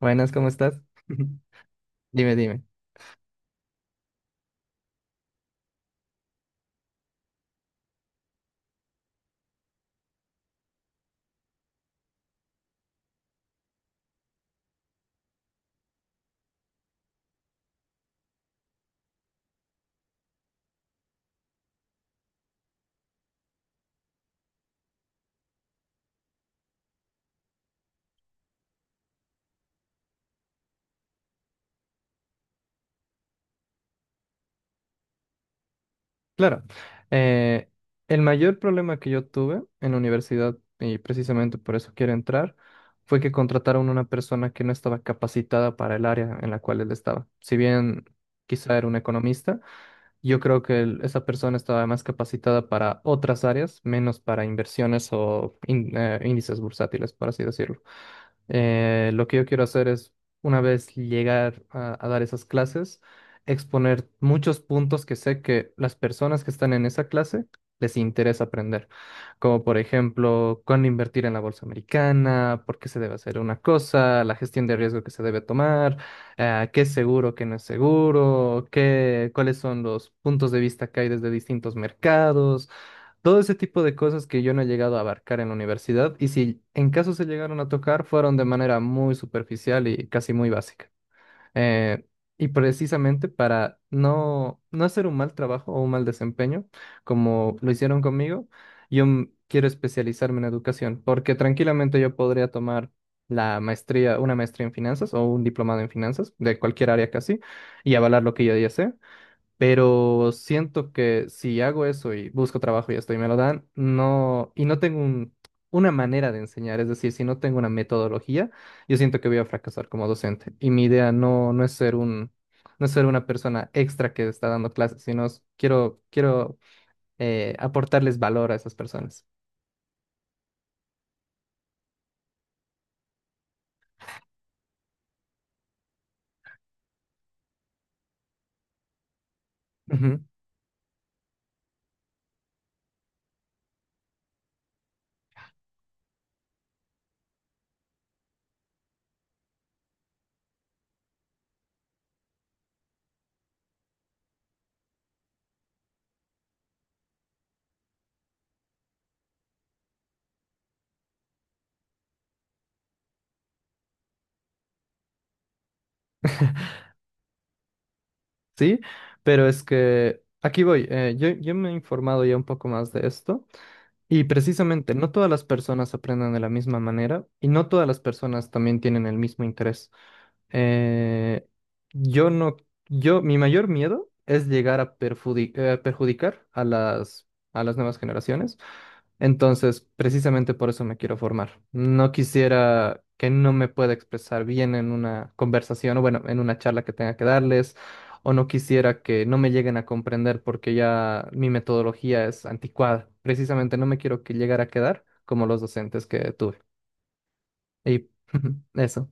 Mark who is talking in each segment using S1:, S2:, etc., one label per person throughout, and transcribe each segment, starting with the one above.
S1: Buenas, ¿cómo estás? Dime, dime. Claro, eh, el mayor problema que yo tuve en la universidad, y precisamente por eso quiero entrar, fue que contrataron una persona que no estaba capacitada para el área en la cual él estaba. Si bien quizá era un economista, yo creo que esa persona estaba más capacitada para otras áreas, menos para inversiones o índices bursátiles, por así decirlo. Lo que yo quiero hacer es, una vez llegar a dar esas clases, exponer muchos puntos que sé que las personas que están en esa clase les interesa aprender, como por ejemplo, cuándo invertir en la bolsa americana, por qué se debe hacer una cosa, la gestión de riesgo que se debe tomar, qué es seguro, qué no es seguro, cuáles son los puntos de vista que hay desde distintos mercados. Todo ese tipo de cosas que yo no he llegado a abarcar en la universidad y si en caso se llegaron a tocar fueron de manera muy superficial y casi muy básica. Eh, y precisamente para no hacer un mal trabajo o un mal desempeño, como lo hicieron conmigo, quiero especializarme en educación porque tranquilamente yo podría tomar la maestría, una maestría en finanzas o un diplomado en finanzas de cualquier área casi y avalar lo que yo ya sé. Pero siento que si hago eso y busco trabajo y esto y me lo dan, no, y no tengo una manera de enseñar, es decir, si no tengo una metodología, yo siento que voy a fracasar como docente. Y mi idea no es ser no es ser una persona extra que está dando clases, sino quiero aportarles valor a esas personas. Ujú. Sí, pero es que aquí voy. Yo me he informado ya un poco más de esto. Y precisamente, no todas las personas aprenden de la misma manera y no todas las personas también tienen el mismo interés. Eh, yo no, yo, mi mayor miedo es llegar a perjudicar a a las nuevas generaciones, entonces, precisamente por eso me quiero formar. No quisiera que no me pueda expresar bien en una conversación o bueno, en una charla que tenga que darles, o no quisiera que no me lleguen a comprender porque ya mi metodología es anticuada. Precisamente no me quiero que llegara a quedar como los docentes que tuve. Y eso.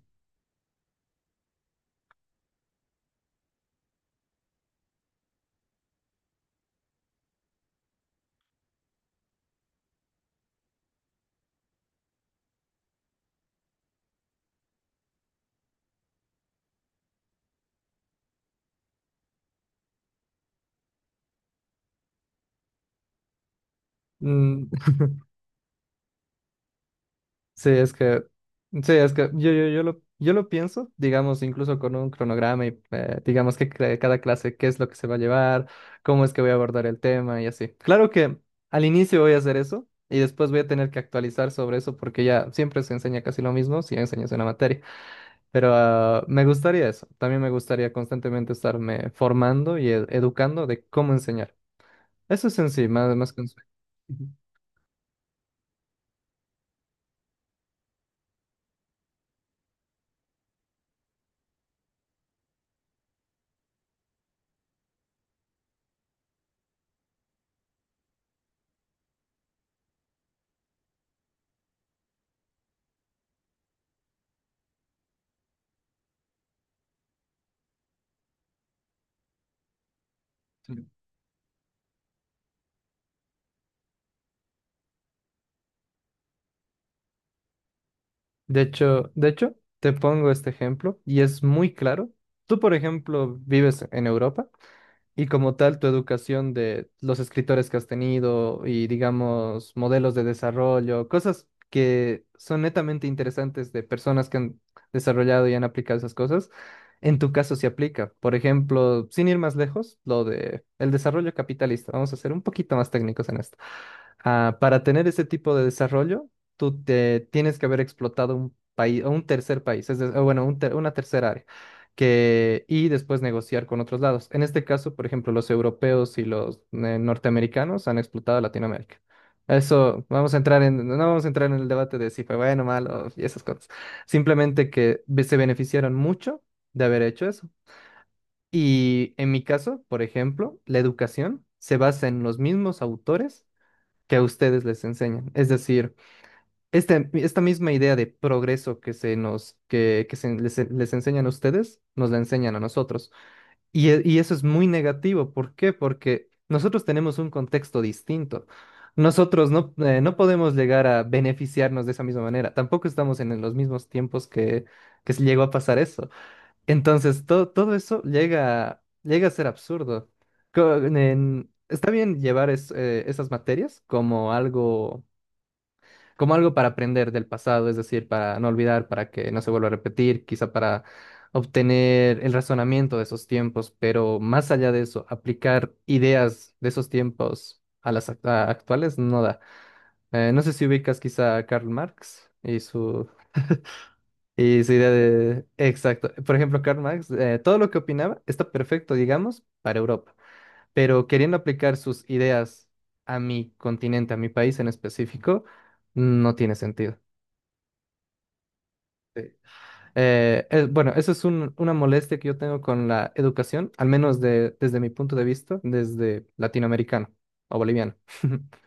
S1: Mm. Sí, es que, sí, es que yo lo pienso, digamos, incluso con un cronograma y digamos que cada clase, qué es lo que se va a llevar, cómo es que voy a abordar el tema y así. Claro que al inicio voy a hacer eso y después voy a tener que actualizar sobre eso porque ya siempre se enseña casi lo mismo si enseñas una materia. Pero me gustaría eso, también me gustaría constantemente estarme formando y educando de cómo enseñar. Eso es en sí, más que un sueño. Ujú. Sí. De hecho, te pongo este ejemplo y es muy claro. Tú, por ejemplo, vives en Europa. Y como tal, tu educación de los escritores que has tenido y, digamos, modelos de desarrollo, cosas que son netamente interesantes de personas que han desarrollado y han aplicado esas cosas, en tu caso se aplica. Por ejemplo, sin ir más lejos, lo de el desarrollo capitalista. Vamos a ser un poquito más técnicos en esto. Para tener ese tipo de desarrollo, tú te tienes que haber explotado un país o un tercer país, o bueno, una tercera área que, y después negociar con otros lados. En este caso, por ejemplo, los europeos y los norteamericanos han explotado Latinoamérica. Eso, vamos a entrar en, no vamos a entrar en el debate de si fue bueno, malo y esas cosas. Simplemente que se beneficiaron mucho de haber hecho eso. Y en mi caso, por ejemplo, la educación se basa en los mismos autores que a ustedes les enseñan. Es decir, esta misma idea de progreso que que se les enseñan a ustedes, nos la enseñan a nosotros. Y, y eso es muy negativo. ¿Por qué? Porque nosotros tenemos un contexto distinto. Nosotros no, no podemos llegar a beneficiarnos de esa misma manera. Tampoco estamos en los mismos tiempos que se llegó a pasar eso. Entonces, todo eso llega a ser absurdo. Está bien llevar esas materias como algo, como algo para aprender del pasado, es decir, para no olvidar, para que no se vuelva a repetir, quizá para obtener el razonamiento de esos tiempos, pero más allá de eso, aplicar ideas de esos tiempos a las a actuales no da. No sé si ubicas quizá a Karl Marx y su... y su idea de... Exacto. Por ejemplo, Karl Marx, todo lo que opinaba está perfecto, digamos, para Europa, pero queriendo aplicar sus ideas a mi continente, a mi país en específico, no tiene sentido. Bueno, eso es una molestia que yo tengo con la educación, al menos desde mi punto de vista, desde latinoamericano o boliviano.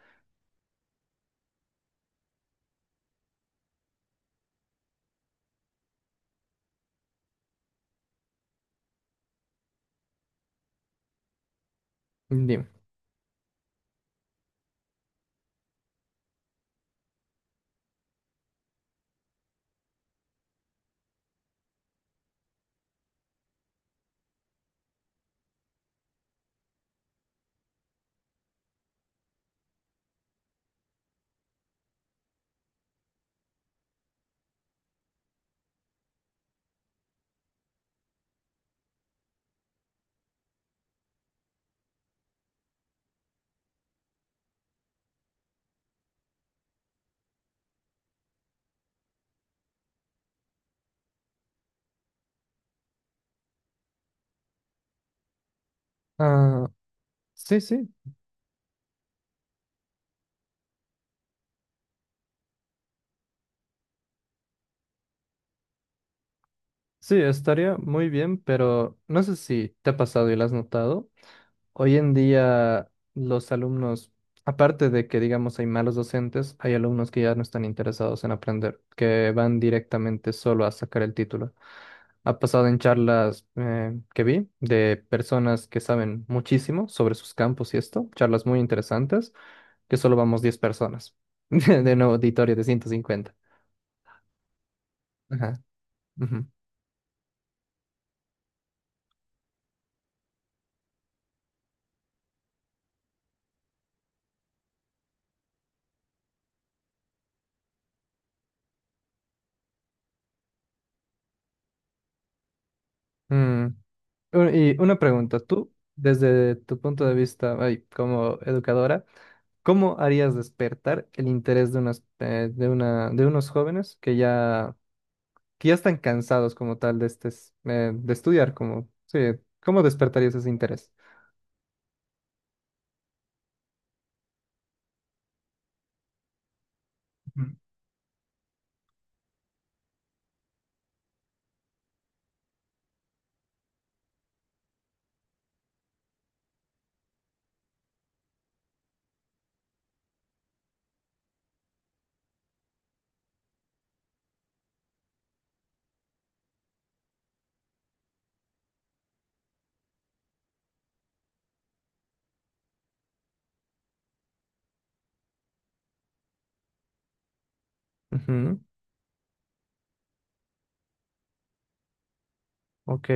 S1: Dime. Ah, sí, sí, sí, estaría muy bien, pero no sé si te ha pasado y lo has notado. Hoy en día los alumnos, aparte de que digamos hay malos docentes, hay alumnos que ya no están interesados en aprender, que van directamente solo a sacar el título. Ha pasado en charlas que vi de personas que saben muchísimo sobre sus campos y esto, charlas muy interesantes, que solo vamos 10 personas de un auditorio de 150. Ajá. Ujú. Mm. Y una pregunta, tú, desde tu punto de vista, ay, como educadora, ¿cómo harías despertar el interés de de unos jóvenes que ya están cansados como tal de de estudiar, como, sí, ¿cómo despertarías ese interés? Ujú. Ok,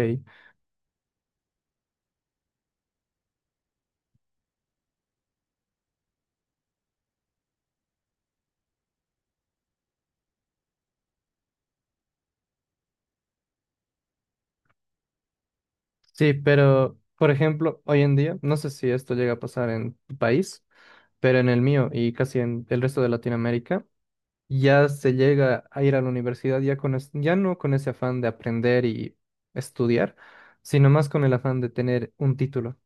S1: sí, pero por ejemplo, hoy en día, no sé si esto llega a pasar en tu país, pero en el mío y casi en el resto de Latinoamérica, ya se llega a ir a la universidad ya con ya no con ese afán de aprender y estudiar, sino más con el afán de tener un título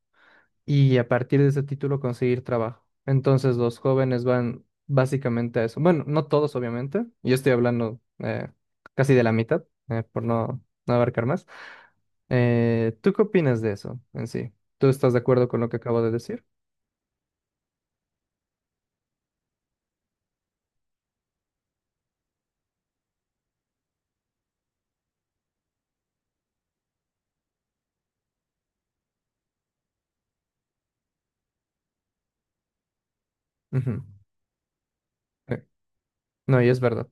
S1: y a partir de ese título conseguir trabajo. Entonces los jóvenes van básicamente a eso. Bueno, no todos obviamente, yo estoy hablando casi de la mitad, por no abarcar más. ¿Tú qué opinas de eso en sí? ¿Tú estás de acuerdo con lo que acabo de decir? Ujú. Eh, No, y es verdad.